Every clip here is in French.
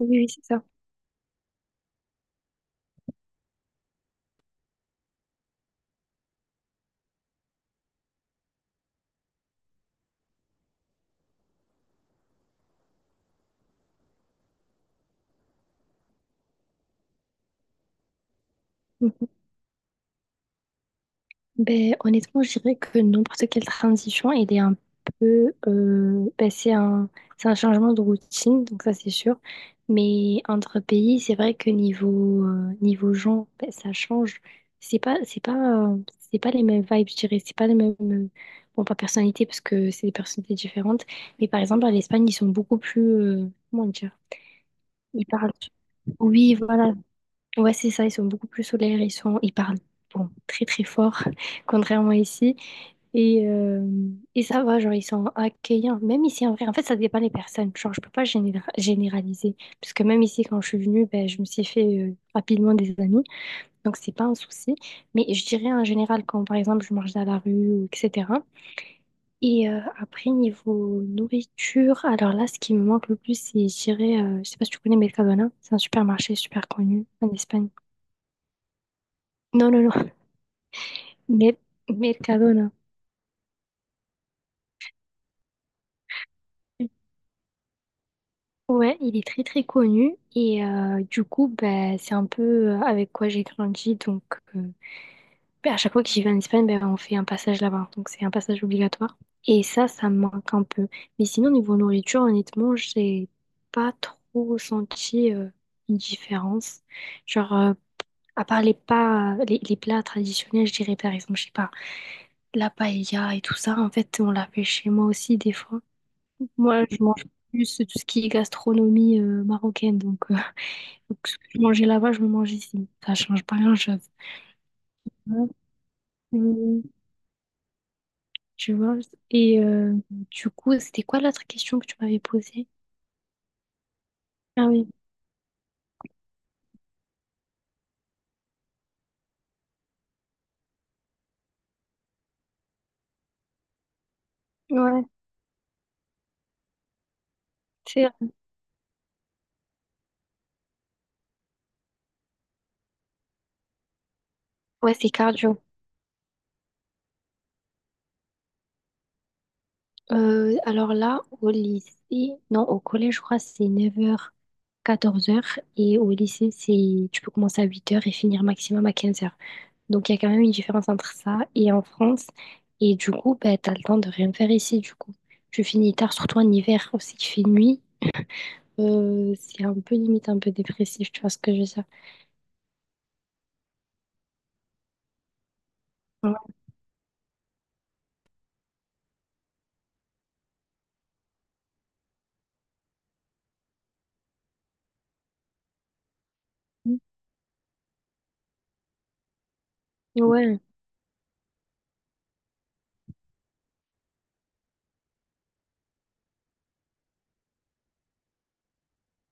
Oui, oui, c'est ça. Mhm. Ben, honnêtement, je dirais que n'importe quelle transition, elle est un peu, ben, c'est un changement de routine, donc ça c'est sûr. Mais entre pays, c'est vrai que niveau, niveau gens, ben, ça change. C'est pas, c'est pas, euh, c'est pas les mêmes vibes, je dirais. C'est pas les mêmes, bon, pas personnalité, parce que c'est des personnalités différentes. Mais par exemple, en Espagne, ils sont beaucoup plus, comment dire? Ils parlent. Oui, voilà. Ouais, c'est ça, ils sont beaucoup plus solaires, ils sont, ils parlent bon, très très fort, contrairement ici. Et, euh, et ça va, genre, ils sont accueillants. Même ici, en vrai, en fait, ça dépend des personnes. Genre, je peux pas généraliser. Parce que même ici, quand je suis venue, ben, je me suis fait rapidement des amis. Donc, c'est pas un souci. Mais je dirais en général, quand par exemple, je marche dans la rue, ou etc. Après, niveau nourriture, alors là, ce qui me manque le plus, c'est, je dirais, je sais pas si tu connais Mercadona, c'est un supermarché super connu en Espagne. Non, non, Mer- Mercadona. Ouais, il est très très connu et du coup, ben, c'est un peu, avec quoi j'ai grandi. Donc, euh, ben, à chaque fois que j'y vais en Espagne, ben, on fait un passage là-bas. Donc, c'est un passage obligatoire. Et ça me manque un peu. Mais sinon, niveau nourriture, honnêtement, j'ai pas trop senti une différence. Genre, à part les pas, les plats traditionnels, je dirais par exemple, je sais pas, la paella et tout ça. En fait, on l'a fait chez moi aussi des fois. Moi, je mange plus tout ce qui est gastronomie marocaine. Donc, donc, ce que je mangeais là-bas, je le mange ici. Ça change pas grand-chose. Ouais. Euh, Tu vois? Et du coup, c'était quoi l'autre question que tu m'avais posée? Ah oui, ouais, c'est, ouais, c'est cardio. Alors là, au lycée, non, au collège, je crois, c'est 9h 14h. Et au lycée, c'est tu peux commencer à 8h et finir maximum à 15h. Donc, il y a quand même une différence entre ça et en France. Et du coup, bah, tu as le temps de rien faire ici, du coup. Tu finis tard, surtout en hiver, aussi qu'il fait nuit. C'est un peu limite, un peu dépressif, tu vois ce que je veux dire. Ouais. Ouais.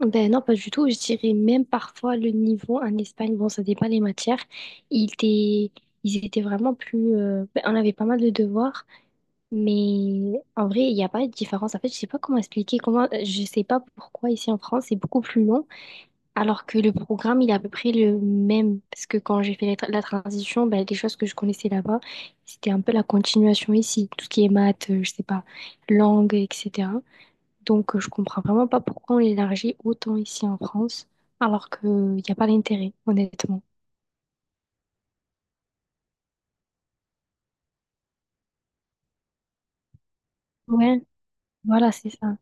Ben non, pas du tout. Je dirais même parfois le niveau en Espagne, bon, ça dépend les matières. Ils étaient, ils étaient vraiment plus, ben, on avait pas mal de devoirs, mais en vrai, il n'y a pas de différence. En fait, je sais pas comment expliquer. Comment, je sais pas pourquoi ici en France, c'est beaucoup plus long. Alors que le programme, il est à peu près le même. Parce que quand j'ai fait la transition, ben, les choses que je connaissais là-bas, c'était un peu la continuation ici. Tout ce qui est maths, je sais pas, langue, etc. Donc, je comprends vraiment pas pourquoi on l'élargit autant ici en France, alors qu'il n'y a pas d'intérêt, honnêtement. Ouais, voilà, c'est ça.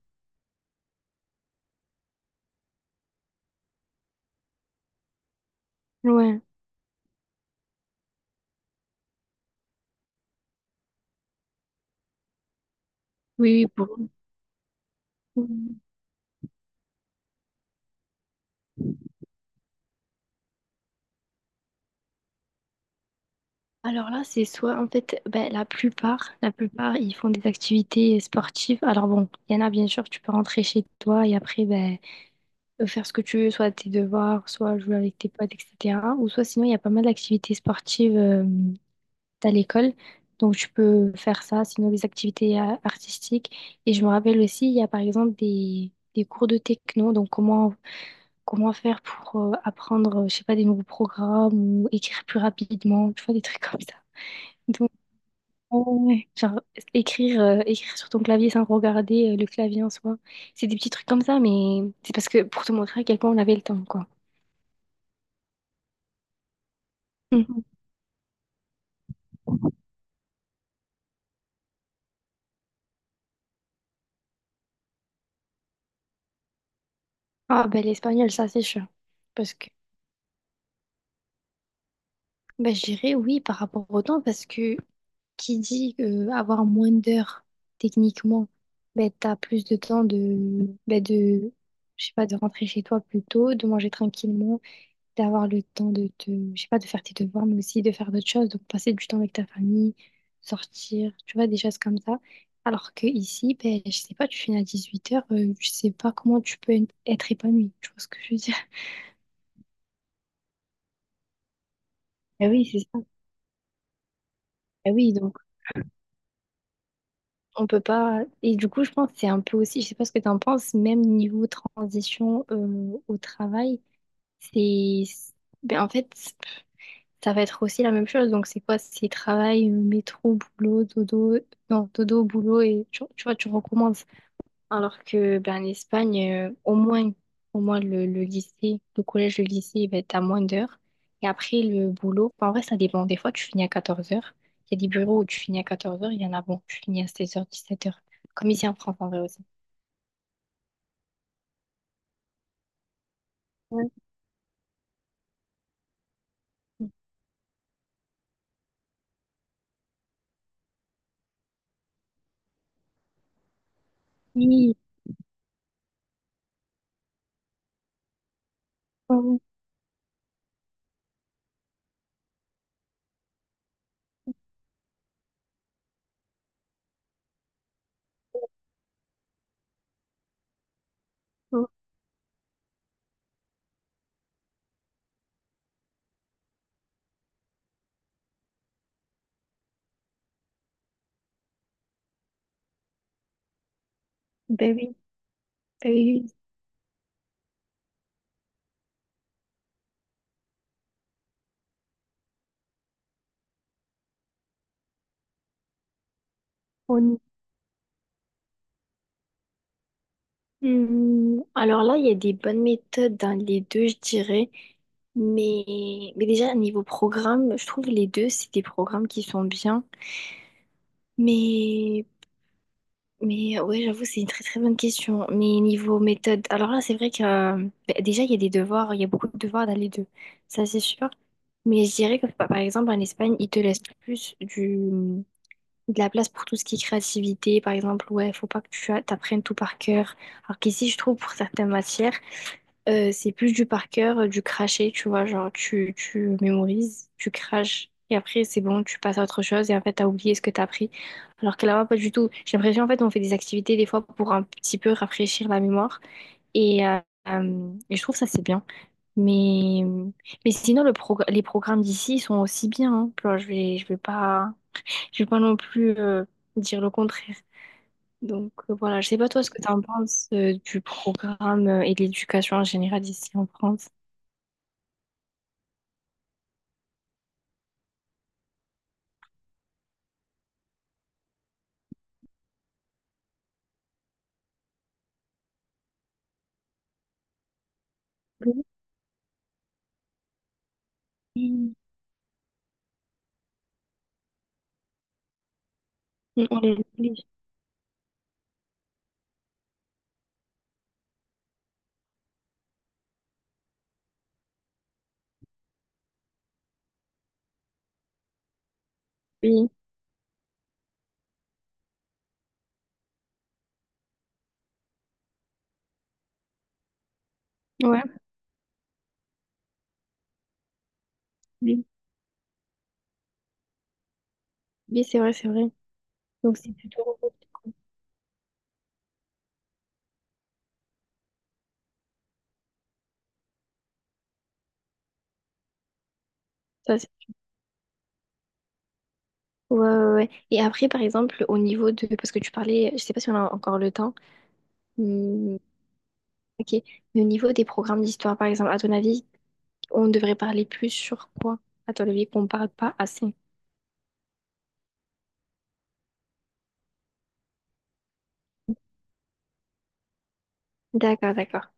Ouais. Oui, oui, pour. Alors là, c'est soit, en fait, ben, la plupart, ils font des activités sportives. Alors bon, il y en a, bien sûr, tu peux rentrer chez toi et après, ben, faire ce que tu veux, soit tes devoirs, soit jouer avec tes potes, etc. Ou soit sinon, il y a pas mal d'activités sportives à l'école. Donc, tu peux faire ça, sinon des activités artistiques. Et je me rappelle aussi, il y a par exemple des cours de techno. Donc, comment faire pour apprendre, je sais pas, des nouveaux programmes ou écrire plus rapidement, tu vois, des trucs comme ça. Donc, ouais, genre, écrire sur ton clavier sans regarder le clavier en soi. C'est des petits trucs comme ça, mais c'est parce que pour te montrer à quel point on avait le temps, quoi. Mmh. Ah ben l'espagnol, ça c'est sûr. Parce que ben, je dirais oui par rapport au temps, parce que qui dit avoir moins d'heures techniquement, ben t'as plus de temps de ben, de je sais pas de rentrer chez toi plus tôt, de manger tranquillement, d'avoir le temps de te je sais pas de faire tes devoirs, mais aussi de faire d'autres choses, donc passer du temps avec ta famille, sortir, tu vois, des choses comme ça. Alors que ici, ben je sais pas, tu finis à 18h je sais pas comment tu peux être épanoui, tu vois ce que je veux dire. Ah oui, c'est ça. Ah oui, donc. On peut pas. Et du coup, je pense que c'est un peu aussi, je sais pas ce que tu en penses, même niveau transition au travail, c'est, ben, en fait, ça va être aussi la même chose. Donc, c'est quoi? C'est travail, métro, boulot, dodo. Non, dodo, boulot, et tu vois, tu recommences. Alors que ben, en Espagne, au moins le lycée, le collège, le lycée, il va être à moins d'heures. Et après, le boulot, ben, en vrai, ça dépend. Des fois, tu finis à 14h. Il y a des bureaux où tu finis à 14h. Il y en a, bon, tu finis à 16h, 17h. Comme ici en France, en vrai aussi. Ouais. Oui, oh, oh, ben oui, ben oui. on y- Alors là, il y a des bonnes méthodes dans les deux, je dirais. Mais, mais déjà, niveau programme, je trouve les deux, c'est des programmes qui sont bien. Mais Mais, ouais, j'avoue, c'est une très très bonne question. Mais niveau méthode, alors là, c'est vrai que bah, déjà, il y a des devoirs, il y a beaucoup de devoirs dans les deux. Ça, c'est sûr. Mais je dirais que par exemple, en Espagne, ils te laissent plus de la place pour tout ce qui est créativité. Par exemple, ouais, faut pas que t'apprennes tout par cœur. Alors qu'ici, je trouve pour certaines matières, c'est plus du par cœur, du cracher, tu vois, genre tu mémorises, tu craches, et après c'est bon, tu passes à autre chose, et en fait t'as oublié ce que t'as appris. Alors que là-bas, pas du tout. J'ai l'impression, en fait, on fait des activités des fois pour un petit peu rafraîchir la mémoire, et, euh, et je trouve ça c'est bien. Mais, mais sinon, les programmes d'ici ils sont aussi bien, hein. Genre, je vais pas non plus dire le contraire. Donc, voilà, je sais pas toi ce que tu en penses du programme et de l'éducation en général ici en France. Oui, oui, on les oblige. Oui, ouais, oui, oui, c'est vrai, c'est vrai. Donc c'est plutôt ça. Ouais, ouais, ouais. Ouais. Et après, par exemple, au niveau de, parce que tu parlais, je sais pas si on a encore le temps. Hmm, ok. Mais au niveau des programmes d'histoire, par exemple, à ton avis, on devrait parler plus sur quoi? À ton avis, qu'on parle pas assez. D'accord, d'accord.